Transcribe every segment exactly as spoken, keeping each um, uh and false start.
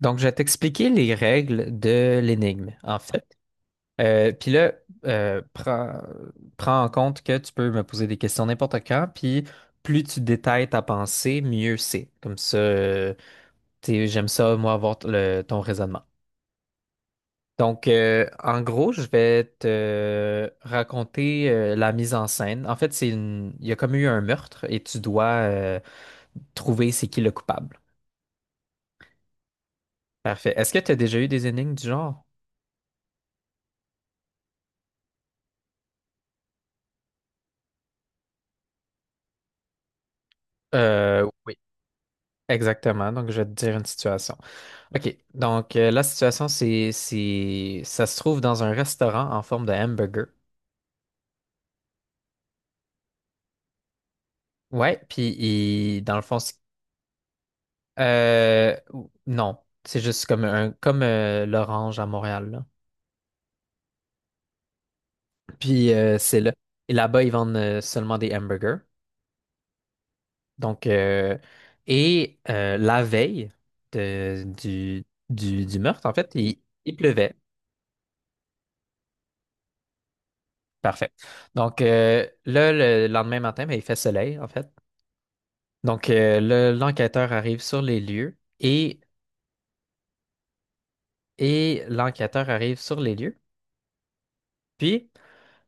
Donc, je vais t'expliquer les règles de l'énigme, en fait. Euh, puis là, euh, prends, prends en compte que tu peux me poser des questions n'importe quand, puis plus tu détailles ta pensée, mieux c'est. Comme ça, euh, tu sais, j'aime ça, moi, avoir t- le- ton raisonnement. Donc, euh, en gros, je vais te raconter euh, la mise en scène. En fait, c'est une... il y a comme eu un meurtre et tu dois euh, trouver c'est qui le coupable. Parfait. Est-ce que tu as déjà eu des énigmes du genre? Euh, oui. Exactement. Donc, je vais te dire une situation. OK. Donc, euh, la situation, c'est, c'est, ça se trouve dans un restaurant en forme de hamburger. Ouais. Puis, il- dans le fond, c'est- euh, non. C'est juste comme un, comme euh, l'Orange à Montréal, là. Puis, euh, c'est là. Et là-bas, ils vendent euh, seulement des hamburgers. Donc, euh, et euh, la veille de- du, du, du meurtre, en fait, il, il pleuvait. Parfait. Donc, euh, là, le lendemain matin, ben, il fait soleil, en fait. Donc, euh, le- l'enquêteur arrive sur les lieux et, et l'enquêteur arrive sur les lieux. Puis,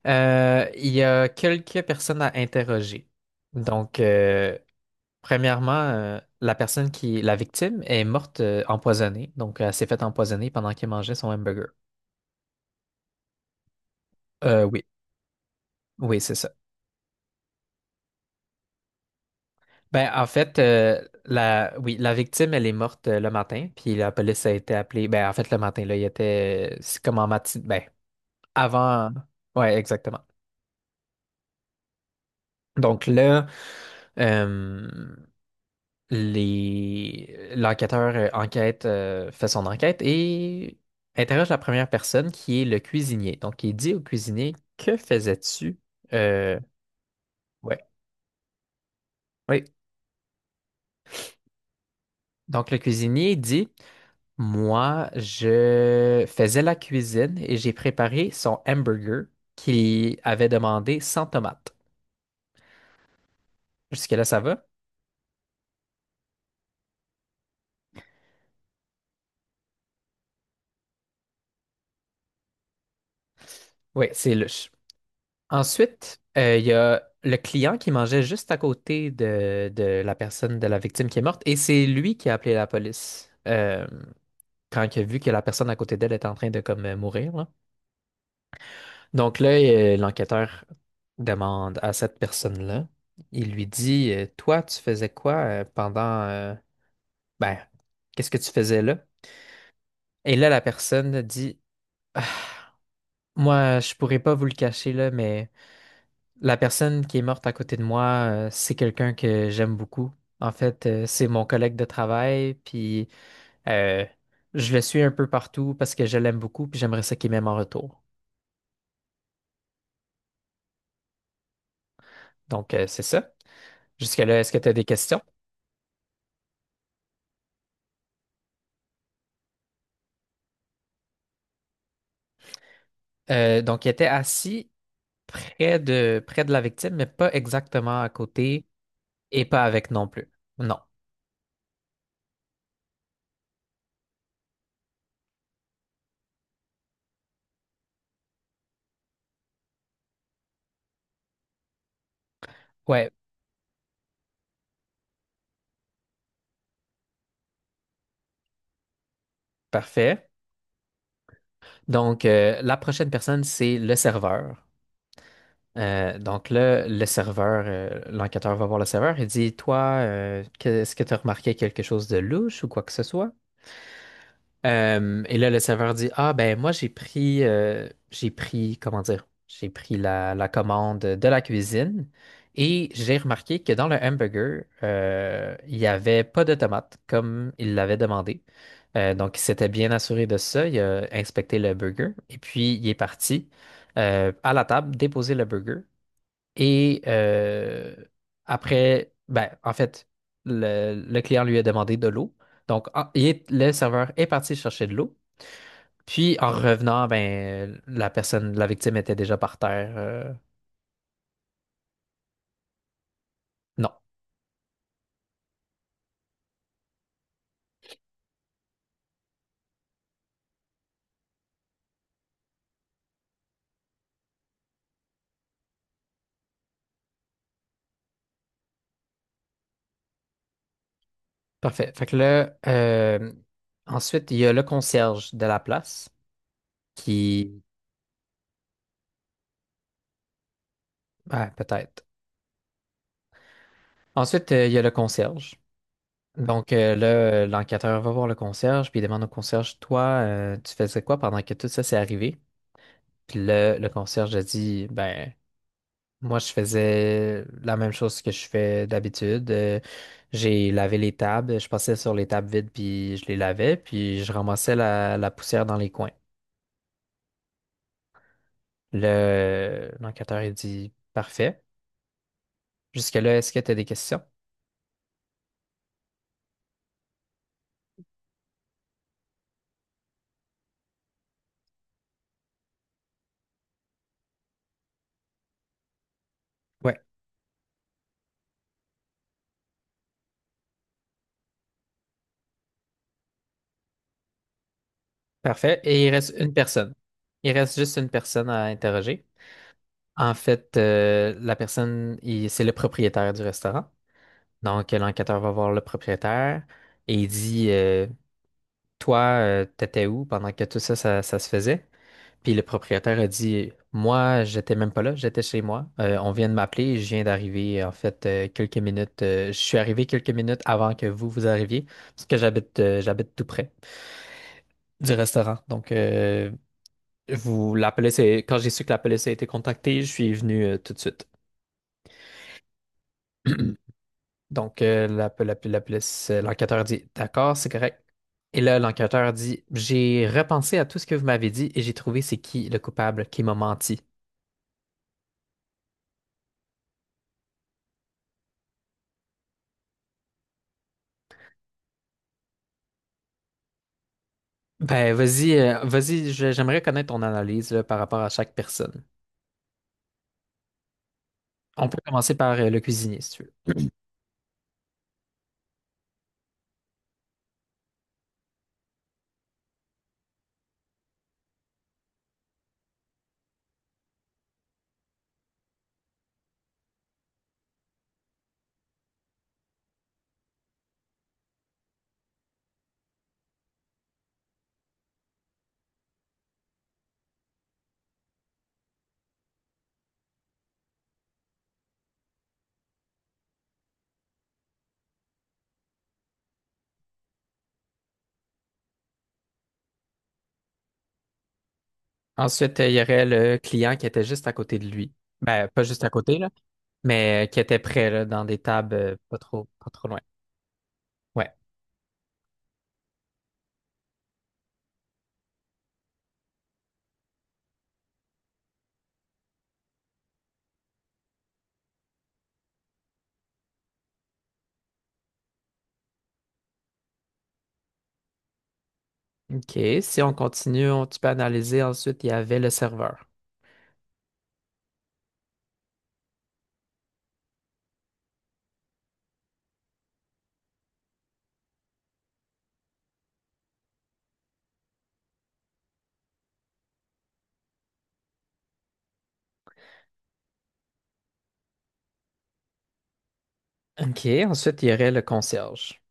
euh, il y a quelques personnes à interroger. Donc, euh, premièrement, euh, la personne qui, la victime, est morte euh, empoisonnée. Donc, elle s'est faite empoisonner pendant qu'elle mangeait son hamburger. Euh, oui, oui, c'est ça. Ben, en fait, euh, la, oui, la victime, elle est morte euh, le matin, puis la police a été appelée. Ben, en fait, le matin, là, il était, c'est comme en matin, ben, avant. Ouais, exactement. Donc là, euh, les... l'enquêteur euh, enquête, euh, fait son enquête et interroge la première personne qui est le cuisinier. Donc il dit au cuisinier, «Que faisais-tu?» Euh, ouais, oui. Donc le cuisinier dit, «Moi, je faisais la cuisine et j'ai préparé son hamburger qu'il avait demandé sans tomate.» Jusque-là, ça va? Oui, c'est le... Ensuite, euh, il y a le client qui mangeait juste à côté de, de la personne, de la victime qui est morte, et c'est lui qui a appelé la police euh, quand il a vu que la personne à côté d'elle était en train de comme euh, mourir, là. Donc là, euh, l'enquêteur demande à cette personne-là, il lui dit, euh, «Toi, tu faisais quoi euh, pendant... euh, ben, qu'est-ce que tu faisais là?» Et là, la personne dit, «Ah, moi, je pourrais pas vous le cacher, là, mais... la personne qui est morte à côté de moi, euh, c'est quelqu'un que j'aime beaucoup. En fait, euh, c'est mon collègue de travail, puis euh, je le suis un peu partout parce que je l'aime beaucoup, puis j'aimerais ça qu'il m'aime en retour.» Donc, euh, c'est ça. Jusque-là, est-ce que tu as des questions? Euh, donc, il était assis près de, près de la victime, mais pas exactement à côté et pas avec non plus. Non. Ouais, parfait. Donc, euh, la prochaine personne, c'est le serveur. Euh, donc là, le serveur, euh, l'enquêteur va voir le serveur et dit, «Toi, euh, que- est-ce que tu as remarqué quelque chose de louche ou quoi que ce soit?» Euh, et là, le serveur dit, «Ah, ben moi, j'ai pris, euh, j'ai pris, comment dire, j'ai pris la, la commande de la cuisine et j'ai remarqué que dans le hamburger, euh, il n'y avait pas de tomates comme il l'avait demandé.» Euh, donc, il s'était bien assuré de ça. Il a inspecté le burger et puis il est parti euh, à la table déposer le burger. Et euh, après, ben, en fait, le, le client lui a demandé de l'eau. Donc, en- il est- le serveur est parti chercher de l'eau. Puis, en revenant, ben, la personne, la victime était déjà par terre. euh, non. Parfait. Fait que là, euh, ensuite, il y a le concierge de la place qui, ben, peut-être. Ensuite, euh, il y a le concierge. Donc, euh, là, euh, l'enquêteur va voir le concierge, puis il demande au concierge, «Toi, euh, tu faisais quoi pendant que tout ça s'est arrivé?» Puis le, le concierge a dit, «Ben, moi, je faisais la même chose que je fais d'habitude. Euh, j'ai lavé les tables, je passais sur les tables vides, puis je les lavais, puis je ramassais la, la poussière dans les coins.» Le, l'enquêteur a dit, «Parfait. Jusque-là, est-ce que tu as des questions?» Ouais. Parfait. Et il reste une personne. Il reste juste une personne à interroger. En fait, euh, la personne, il- c'est le propriétaire du restaurant. Donc, l'enquêteur va voir le propriétaire et il dit, euh, «Toi, euh, t'étais où pendant que tout ça, ça, ça se faisait?» Puis le propriétaire a dit, «Moi, j'étais même pas là, j'étais chez moi. Euh, on vient de m'appeler, je viens d'arriver, en fait, euh, quelques minutes. euh, je suis arrivé quelques minutes avant que vous, vous arriviez, parce que j'habite, euh, j'habite tout près du restaurant. Donc, euh, vous, la police est- quand j'ai su que la police a été contactée, je suis venu, euh, tout de suite.» Donc, euh, la, la- la police, euh, l'enquêteur dit, «D'accord, c'est correct.» Et là, l'enquêteur dit, «J'ai repensé à tout ce que vous m'avez dit et j'ai trouvé c'est qui le coupable qui m'a menti.» Ben, vas-y, euh, vas-y, je- j'aimerais connaître ton analyse là, par rapport à chaque personne. On peut commencer par euh, le cuisinier, si tu veux. Ensuite, euh, il y aurait le client qui était juste à côté de lui. Ben, pas juste à côté, là, mais euh, qui était près, là, dans des tables euh, pas trop, pas trop loin. Ouais, OK. Si on continue, on- tu peux analyser. Ensuite, il y avait le serveur. OK. Ensuite, il y aurait le concierge.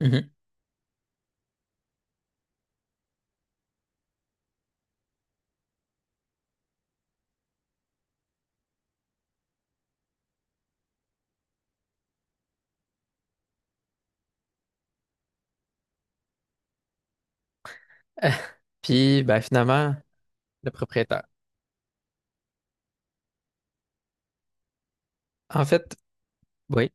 Mhm. Puis, ben, finalement, le propriétaire. En fait, oui,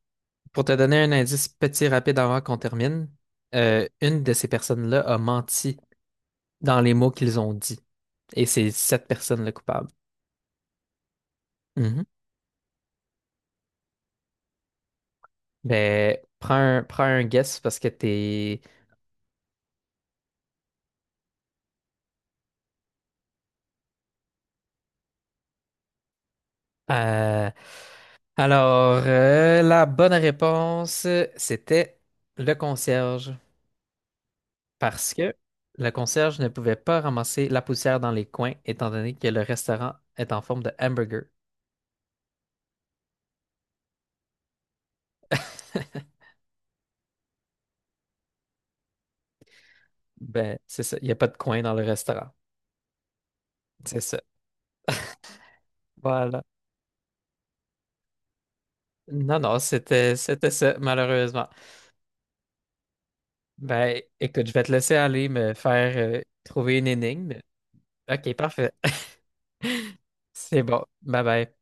pour te donner un indice petit rapide avant qu'on termine, euh, une de ces personnes-là a menti dans les mots qu'ils ont dit. Et c'est cette personne le coupable. Mhm. Ben, prends un, prends un guess parce que t'es... euh, alors, euh, la bonne réponse, c'était le concierge. Parce que le concierge ne pouvait pas ramasser la poussière dans les coins, étant donné que le restaurant est en forme de hamburger. Ben, c'est ça. Il n'y a pas de coin dans le restaurant. C'est ça. Voilà. Non, non, c'était, c'était ça, malheureusement. Ben, écoute, je vais te laisser aller me faire euh, trouver une énigme. OK, parfait. C'est bon. Bye bye.